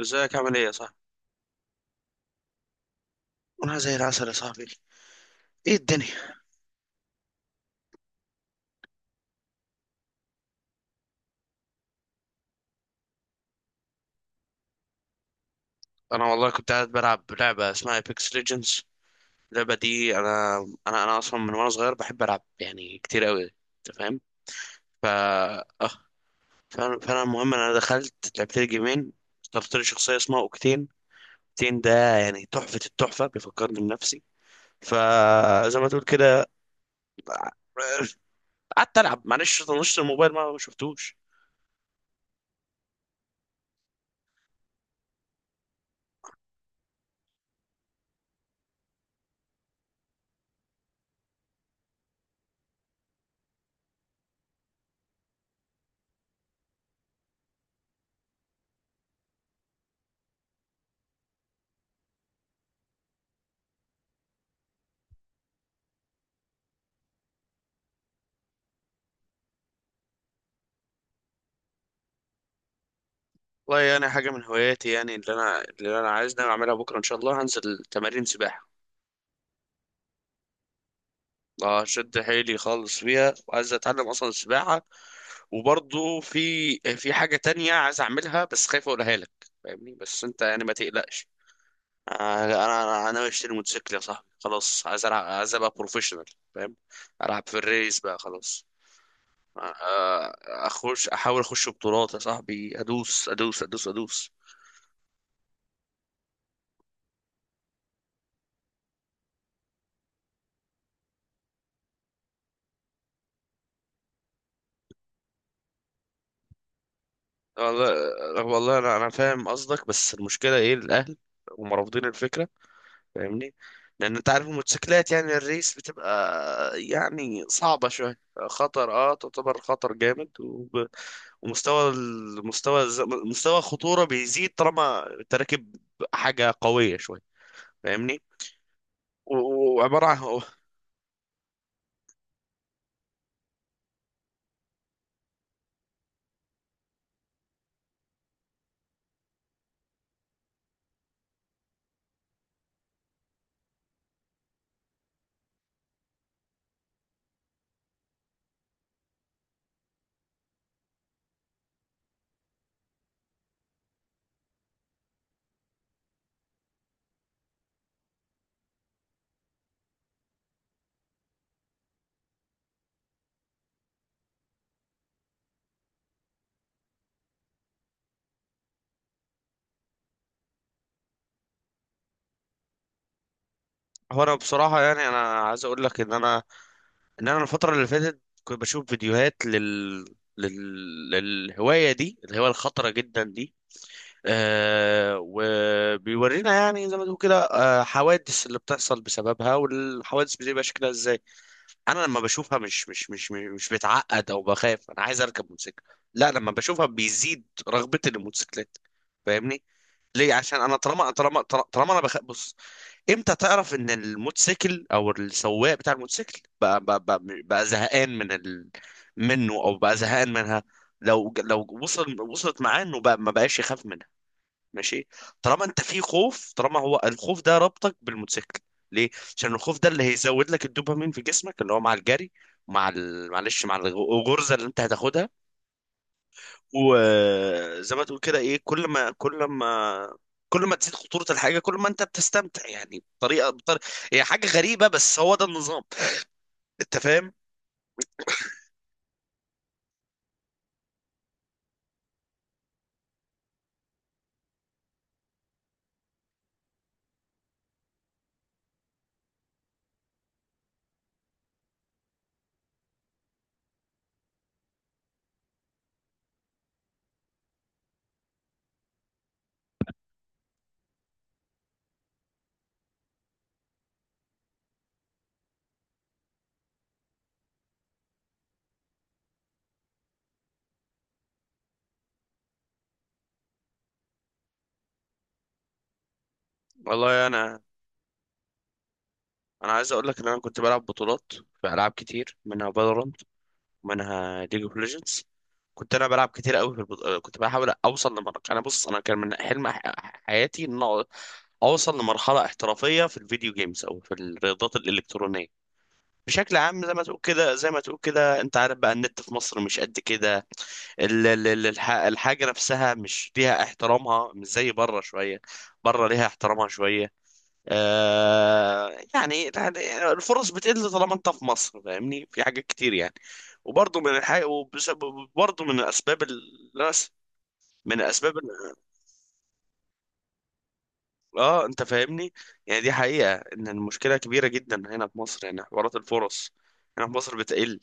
ازيك عامل ايه يا صاحبي؟ انا زي العسل يا صاحبي. ايه الدنيا؟ انا والله كنت قاعد بلعب لعبه اسمها ايبكس ليجندز. اللعبه دي انا، انا اصلا من وانا صغير بحب العب يعني كتير قوي. انت فاهم؟ ف اه فانا فأنا المهم انا دخلت لعبت لي جيمين. اخترت لي شخصيه اسمها اوكتين. اوكتين ده يعني تحفه، التحفه بيفكرني بنفسي. فزي ما تقول كده قعدت العب، معلش طنشت الموبايل ما شفتوش. والله يعني حاجة من هواياتي، يعني اللي أنا عايز ناوي أعملها بكرة إن شاء الله، هنزل تمارين سباحة. أشد حيلي خالص فيها وعايز أتعلم أصلا السباحة. وبرضه في حاجة تانية عايز أعملها بس خايف أقولها لك. فاهمني؟ بس أنت يعني ما تقلقش. آه، أنا ناوي أشتري موتوسيكل يا صاحبي، خلاص عايز ألعب، عايز أبقى بروفيشنال. فاهم؟ ألعب في الريس بقى خلاص. أ- أ- أخش، أحاول أخش بطولات يا صاحبي. أدوس أدوس أدوس أدوس. والله انا فاهم قصدك، بس المشكله ايه؟ الاهل هم رافضين الفكره. فاهمني؟ لان انت عارف الموتوسيكلات يعني الريس بتبقى يعني صعبه شويه. خطر، اه تعتبر خطر جامد. ومستوى، مستوى الخطوره بيزيد طالما انت راكب حاجه قويه شويه. فاهمني؟ وعباره عن هو. هو انا بصراحه يعني انا عايز اقول لك ان انا، ان انا الفتره اللي فاتت كنت بشوف فيديوهات للهوايه دي، الهوايه الخطره جدا دي. آه، وبيورينا يعني زي ما تقول كده آه، حوادث اللي بتحصل بسببها، والحوادث بتبقى شكلها ازاي. انا لما بشوفها مش بتعقد او بخاف انا عايز اركب موتوسيكل. لا، لما بشوفها بيزيد رغبتي للموتوسيكلات. فاهمني؟ ليه؟ عشان انا طالما انا بخاف. بص، امتى تعرف ان الموتوسيكل او السواق بتاع الموتوسيكل بقى زهقان من منه او بقى زهقان منها؟ لو لو وصل، وصلت معاه انه بقى ما بقاش يخاف منها. ماشي؟ طالما انت في خوف، طالما هو الخوف ده ربطك بالموتوسيكل. ليه؟ عشان الخوف ده اللي هيزود لك الدوبامين في جسمك، اللي هو مع الجري، مع معلش مع الغرزه اللي انت هتاخدها. وزي ما تقول كده ايه، كل ما كل ما تزيد خطورة الحاجة، كل ما انت بتستمتع يعني بطريقة، بطريقة. هي حاجة غريبة بس هو ده النظام. انت فاهم؟ والله انا، انا عايز اقول لك ان انا كنت بلعب بطولات في العاب كتير، منها فالورانت، منها ليج اوف ليجندز. كنت انا بلعب كتير قوي في كنت بحاول اوصل لمرحله. انا بص، انا كان من حلم حياتي ان اوصل لمرحله احترافيه في الفيديو جيمز او في الرياضات الالكترونيه بشكل عام. زي ما تقول كده، زي ما تقول كده، انت عارف بقى النت في مصر مش قد كده. الحاجة نفسها مش ليها احترامها، مش زي بره شوية. بره ليها احترامها شوية. آه، يعني يعني الفرص بتقل طالما انت في مصر، فاهمني؟ في حاجات كتير يعني. وبرضه من الحاجة، وبرضه من الاسباب، الناس، من اسباب اه انت فاهمني. يعني دي حقيقة ان المشكلة كبيرة جدا هنا في مصر، يعني حوارات الفرص هنا في مصر بتقل.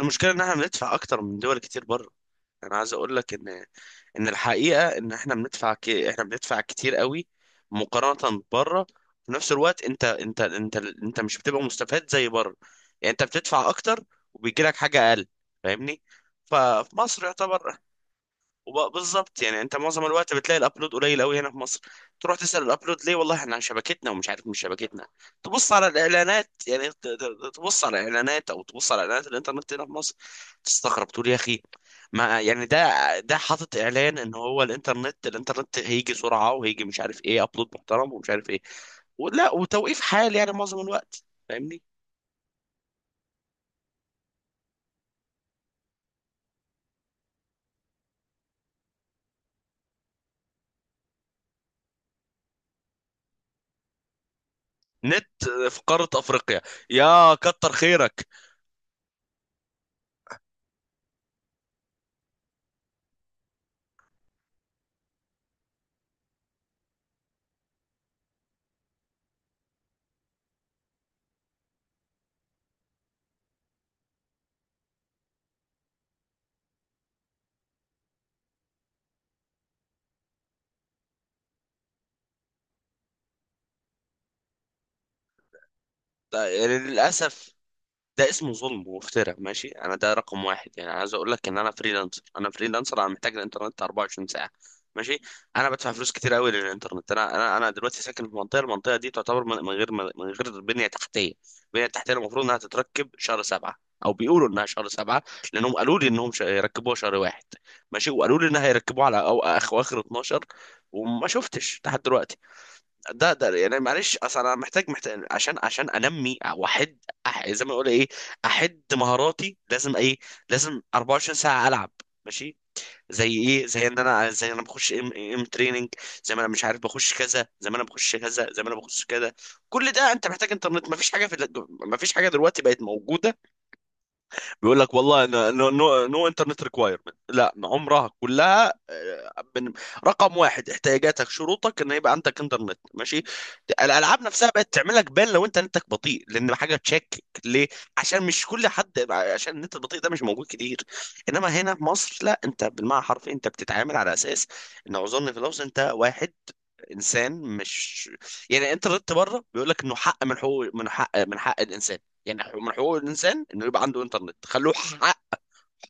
المشكله ان احنا بندفع اكتر من دول كتير بره. انا عايز اقول لك ان، ان الحقيقه ان احنا احنا بندفع كتير قوي مقارنه بره. في نفس الوقت انت، انت مش بتبقى مستفاد زي بره. يعني انت بتدفع اكتر وبيجي لك حاجه اقل. فاهمني؟ ففي مصر يعتبر، بالظبط. يعني انت معظم الوقت بتلاقي الابلود قليل قوي هنا في مصر. تروح تسأل الابلود ليه، والله احنا عن شبكتنا ومش عارف مش شبكتنا. تبص على الاعلانات، يعني تبص على الاعلانات او تبص على اعلانات الانترنت هنا في مصر تستغرب، تقول يا اخي، ما يعني ده، ده حاطط اعلان ان هو الانترنت، الانترنت هيجي سرعة وهيجي مش عارف ايه، ابلود محترم ومش عارف ايه. ولا وتوقيف حال يعني معظم الوقت. فاهمني؟ نت في قارة افريقيا، يا كتر خيرك. يعني للاسف ده اسمه ظلم وافتراء. ماشي، انا ده رقم واحد، يعني عايز اقول لك ان انا فريلانسر، انا فريلانسر، انا محتاج الانترنت 24 ساعه. ماشي؟ انا بدفع فلوس كتير قوي للانترنت. انا دلوقتي ساكن في منطقه، المنطقه دي تعتبر من، من غير بنيه تحتيه. البنيه التحتيه المفروض انها تتركب شهر سبعة، او بيقولوا انها شهر سبعة لانهم قالوا لي انهم يركبوها شهر واحد. ماشي؟ وقالوا لي انها هيركبوها على او اخر 12 وما شفتش لحد دلوقتي. ده ده يعني معلش اصل انا محتاج، محتاج عشان، عشان انمي واحد زي ما اقول ايه احد مهاراتي. لازم ايه؟ لازم 24 ساعه العب. ماشي؟ زي ايه؟ زي ان انا، زي انا بخش ام ام تريننج، زي ما انا مش عارف بخش كذا، زي ما انا بخش كذا، زي ما انا بخش كذا. كل ده انت محتاج انترنت. مفيش حاجه في مفيش حاجه دلوقتي بقت موجوده. بيقول لك والله، نو انترنت ريكوايرمنت، لا عمرها كلها. رقم واحد احتياجاتك، شروطك ان يبقى عندك انترنت. ماشي؟ الالعاب نفسها بقت تعمل لك بان لو انت نتك بطيء لان حاجه، تشكك ليه؟ عشان مش كل حد، عشان النت البطيء ده مش موجود كتير. انما هنا في مصر لا، انت بالمعنى حرفيا انت بتتعامل على اساس ان، اعذرني في اللفظ، انت واحد، انسان مش يعني. انت ردت بره بيقول لك انه حق من حقوق، من حق الانسان، يعني من حقوق الانسان انه يبقى عنده انترنت. خلوه حق،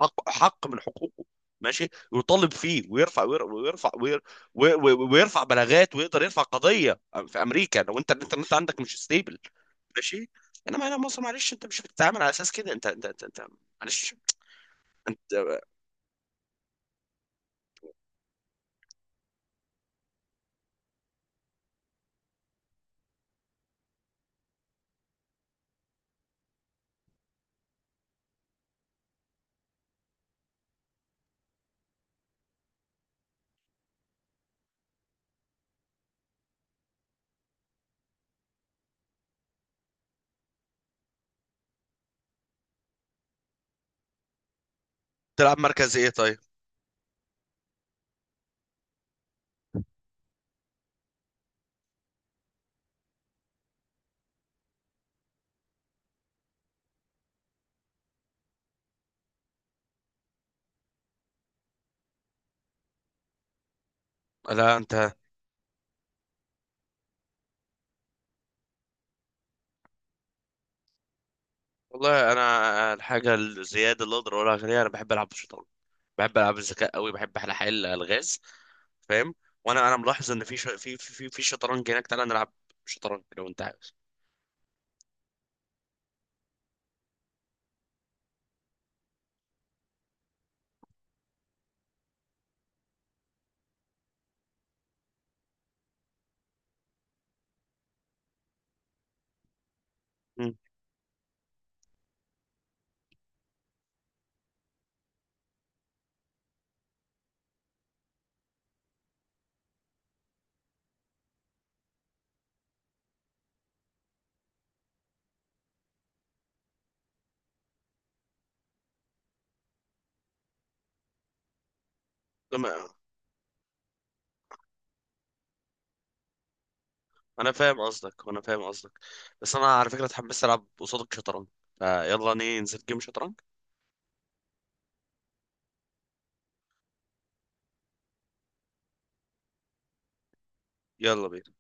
حق من حقوقه. ماشي؟ يطالب فيه ويرفع، ويرفع بلاغات ويقدر يرفع قضيه. في امريكا لو انت الانترنت عندك مش ستيبل. ماشي؟ انما هنا مصر معلش انت مش بتتعامل على اساس كده. انت معلش. انت تلعب مركز ايه طيب؟ لا انت، والله انا الحاجه الزياده اللي اقدر اقولها، غير انا بحب العب بالشطرنج، بحب العاب الذكاء قوي، بحب احلى حل الغاز. فاهم؟ وانا ملاحظ ان في ش... في في في شطرنج هناك. تعالى نلعب شطرنج لو انت عاوز. مم. لما- انا فاهم قصدك، وانا فاهم قصدك. بس انا على فكره اتحمست العب قصادك شطرنج. فيلا ننزل جيم شطرنج. يلا بينا.